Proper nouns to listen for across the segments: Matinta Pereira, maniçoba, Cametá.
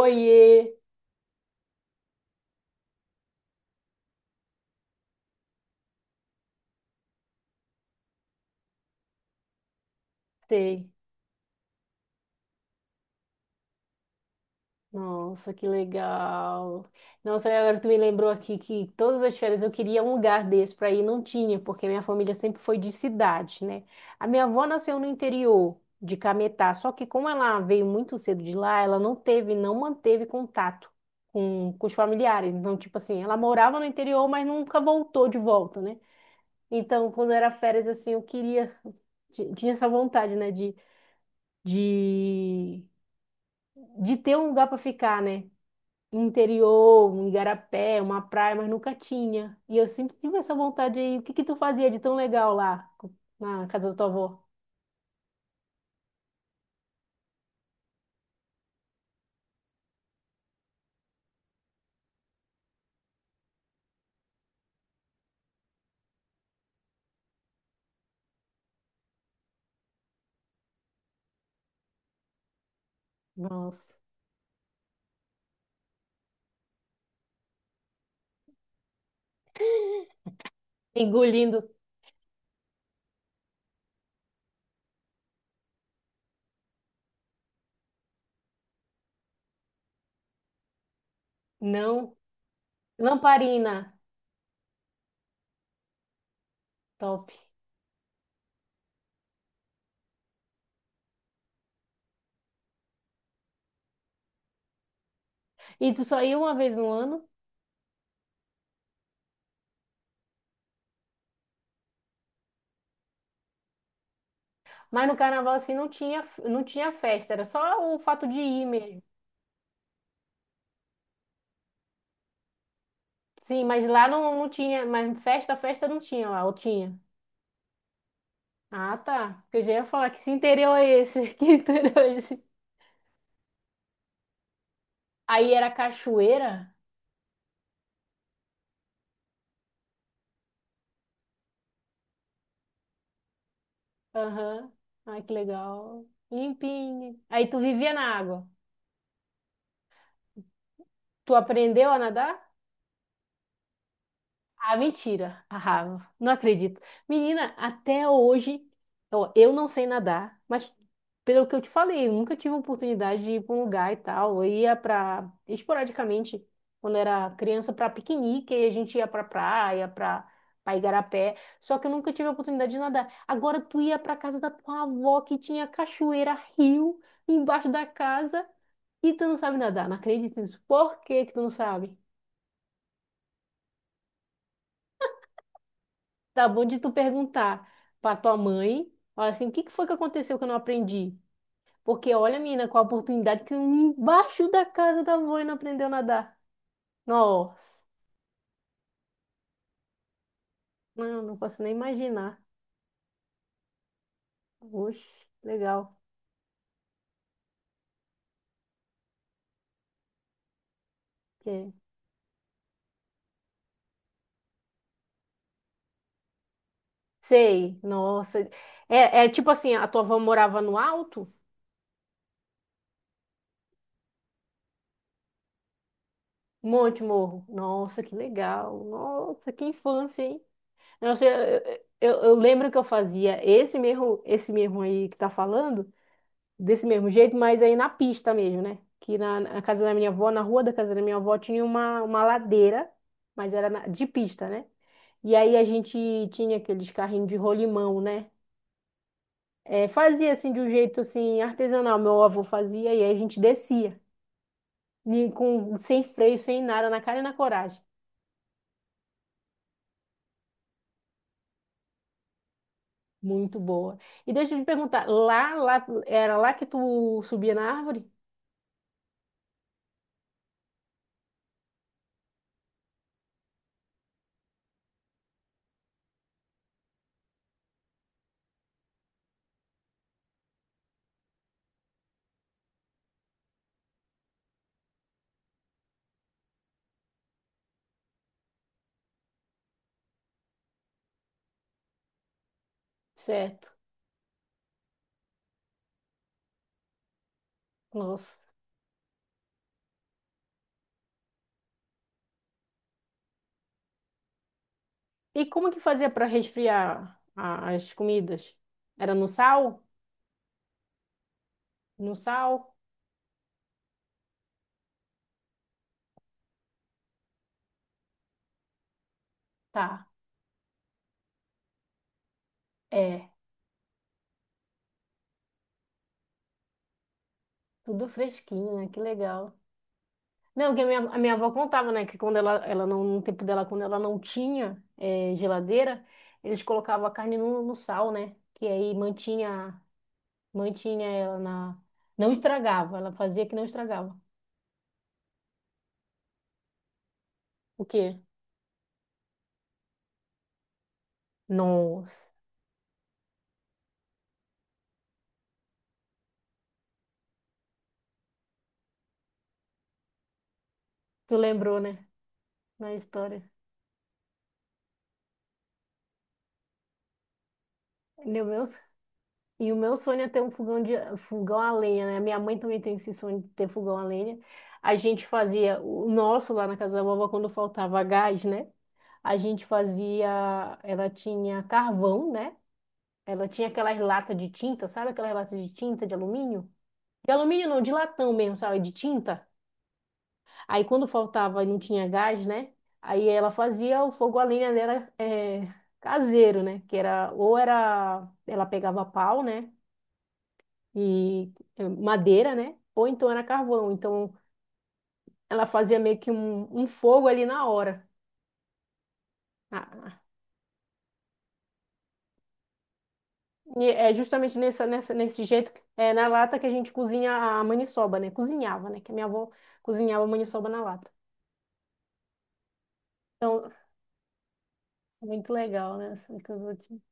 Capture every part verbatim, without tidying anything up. Oiê! Sei. Nossa, que legal. Nossa, agora tu me lembrou aqui que todas as férias eu queria um lugar desse para ir, não tinha, porque minha família sempre foi de cidade, né? A minha avó nasceu no interior de Cametá, só que como ela veio muito cedo de lá, ela não teve, não manteve contato com, com os familiares. Então, tipo assim, ela morava no interior, mas nunca voltou de volta, né? Então, quando era férias, assim, eu queria, ti- tinha essa vontade, né, de de de ter um lugar para ficar, né? Interior, um igarapé, uma praia, mas nunca tinha. E eu sempre tive essa vontade aí. O que que tu fazia de tão legal lá na casa da tua avó? Nossa. Engolindo, não. Lamparina, top. E tu só ia uma vez no ano, mas no carnaval assim não tinha, não tinha festa, era só o fato de ir mesmo. Sim, mas lá não, não tinha, mas festa, festa não tinha lá, ou tinha. Ah, tá. Porque eu já ia falar que esse interior é esse, que interior é esse? Aí era cachoeira? Aham. Ai, que legal. Limpinho. Aí tu vivia na água. Tu aprendeu a nadar? Ah, mentira. Ah, não acredito. Menina, até hoje, ó, eu não sei nadar, mas pelo que eu te falei, eu nunca tive oportunidade de ir para um lugar e tal. Eu ia para, esporadicamente, quando era criança, para piquenique, e a gente ia para praia, para para igarapé. Só que eu nunca tive a oportunidade de nadar. Agora tu ia para casa da tua avó que tinha cachoeira, rio embaixo da casa e tu não sabe nadar. Não acredito nisso. Por que que tu não sabe? Tá bom de tu perguntar pra tua mãe, olha assim, o que que foi que aconteceu que eu não aprendi? Porque olha, menina, com a oportunidade que eu embaixo da casa da avó e não aprendeu a nadar. Nossa, não, não posso nem imaginar. Oxe, legal. É. Sei, nossa. É, é tipo assim, a tua avó morava no alto? Monte Morro. Nossa, que legal. Nossa, que infância, hein? Nossa, eu, eu, eu- eu lembro que eu fazia esse mesmo, esse mesmo aí que tá falando, desse mesmo jeito, mas aí na pista mesmo, né? Que na, na casa da minha avó, na rua da casa da minha avó, tinha uma, uma ladeira, mas era na- de pista, né? E aí a gente tinha aqueles carrinhos de rolimão, né? É, fazia assim de um jeito assim artesanal, meu avô fazia, e aí a gente descia, ni- com, sem freio, sem nada, na cara e na coragem. Muito boa. E deixa eu te perguntar, lá, lá, era lá que tu subia na árvore? Certo. Nossa. E como que fazia para resfriar a- as comidas? Era no sal? No sal? Tá. É, tudo fresquinho, né? Que legal. Não, porque a minha, a minha avó contava, né? Que quando ela, ela não, no tempo dela, quando ela não tinha eh, geladeira, eles colocavam a carne no, no sal, né? Que aí mantinha, mantinha ela na. Não estragava, ela fazia que não estragava. O quê? Nossa, tu lembrou, né? Na história. Meu Deus. E o meu sonho é ter um fogão de fogão a lenha, né? Minha mãe também tem esse sonho de ter fogão a lenha. A gente fazia o nosso lá na casa da vovó quando faltava gás, né? A gente fazia, ela tinha carvão, né? Ela tinha aquelas latas de tinta, sabe aquelas latas de tinta de alumínio? De alumínio não, de latão mesmo, sabe? De tinta. Aí quando faltava e não tinha gás, né? Aí ela fazia o fogo a lenha dela, é, caseiro, né? Que era, ou era ela pegava pau, né? E é, madeira, né? Ou então era carvão. Então ela fazia meio que um, um fogo ali na hora. Ah, e é justamente nessa, nessa, nesse jeito, é na lata que a gente cozinha a maniçoba, né? Cozinhava, né? Que a minha avó cozinhava a maniçoba na lata. Então, muito legal, né? Essa coisa de...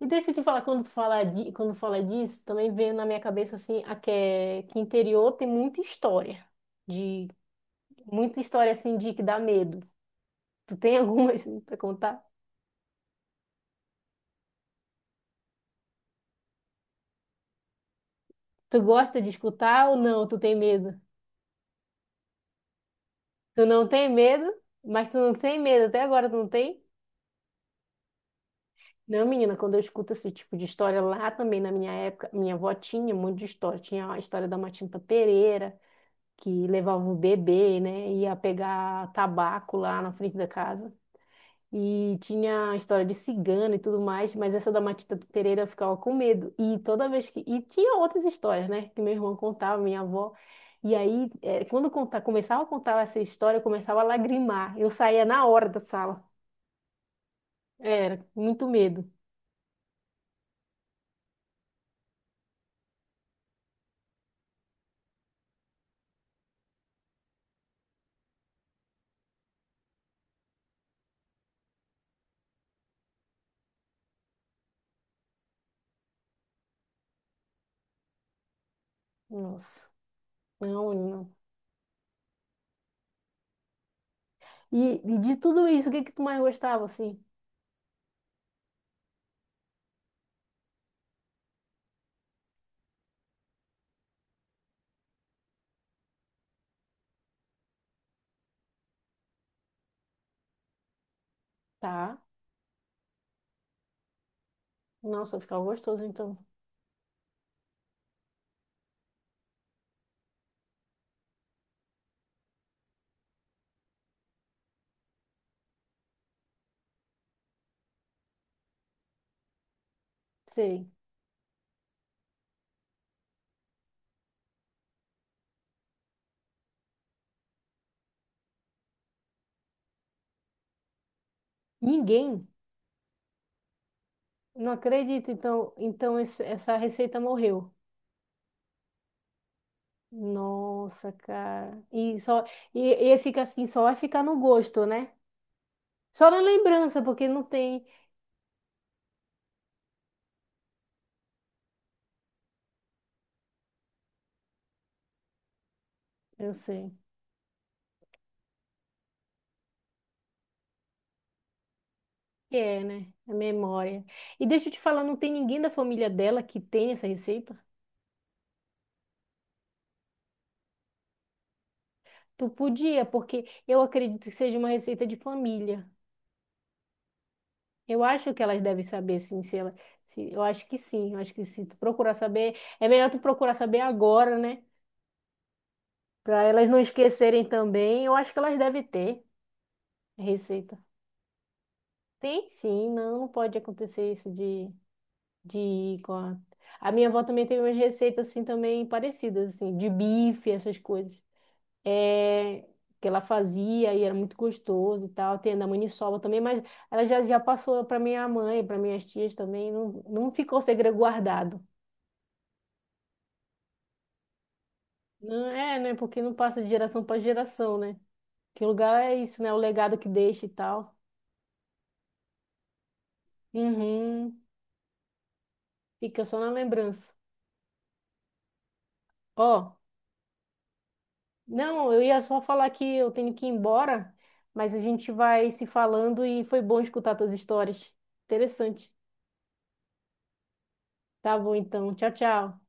E deixa eu te falar, quando tu fala, di, quando fala disso, também veio na minha cabeça, assim, a que, é- que interior tem muita história. De, muita história, assim, de que dá medo. Tu tem alguma, assim, pra contar? Tu gosta de escutar ou não? Tu tem medo? Tu não tem medo, mas tu não tem medo. Até agora tu não tem? Não, menina, quando eu escuto esse tipo de história lá também, na minha época, minha avó tinha um monte de história. Tinha a história da Matinta Pereira, que levava o bebê, né? Ia pegar tabaco lá na frente da casa. E tinha a história de cigana e tudo mais, mas essa da Matita Pereira eu ficava com medo. E toda vez que... E tinha outras histórias, né? Que meu irmão contava, minha avó. E aí, eh, quando conta- começava a contar essa história, eu começava a lagrimar. Eu saía na hora da sala. Era, muito medo. Nossa, não, não. E, e de tudo isso, o que que tu mais gostava, assim? Tá. Nossa, ficava gostoso, então. Sei. Ninguém. Não acredito, então, então esse- essa receita morreu. Nossa, cara. E só, e, e fica assim, só vai ficar no gosto, né? Só na lembrança, porque não tem, eu sei. Que é, né? A memória. E deixa eu te falar, não tem ninguém da família dela que tem essa receita? Tu podia, porque eu acredito que seja uma receita de família. Eu acho que elas devem saber, sim, se ela, se, eu acho que sim, eu acho que se tu procurar saber, é melhor tu procurar saber agora, né? Para elas não esquecerem também. Eu acho que elas devem ter a receita. Tem sim, não, não pode acontecer isso de, de ir com a... A minha avó também tem umas receitas assim também parecidas, assim, de bife, essas coisas. É, que ela fazia e era muito gostoso e tal. Tem a da maniçoba também, mas ela já, já passou para minha mãe, para minhas tias também, não, não ficou segredo guardado. Não é, né? Porque não passa de geração para geração, né? Que lugar é isso, né? O legado que deixa e tal. Uhum. Fica só na lembrança. Ó, não, eu ia só falar que eu tenho que ir embora, mas a gente vai se falando e foi bom escutar tuas histórias. Interessante. Tá bom, então. Tchau, tchau.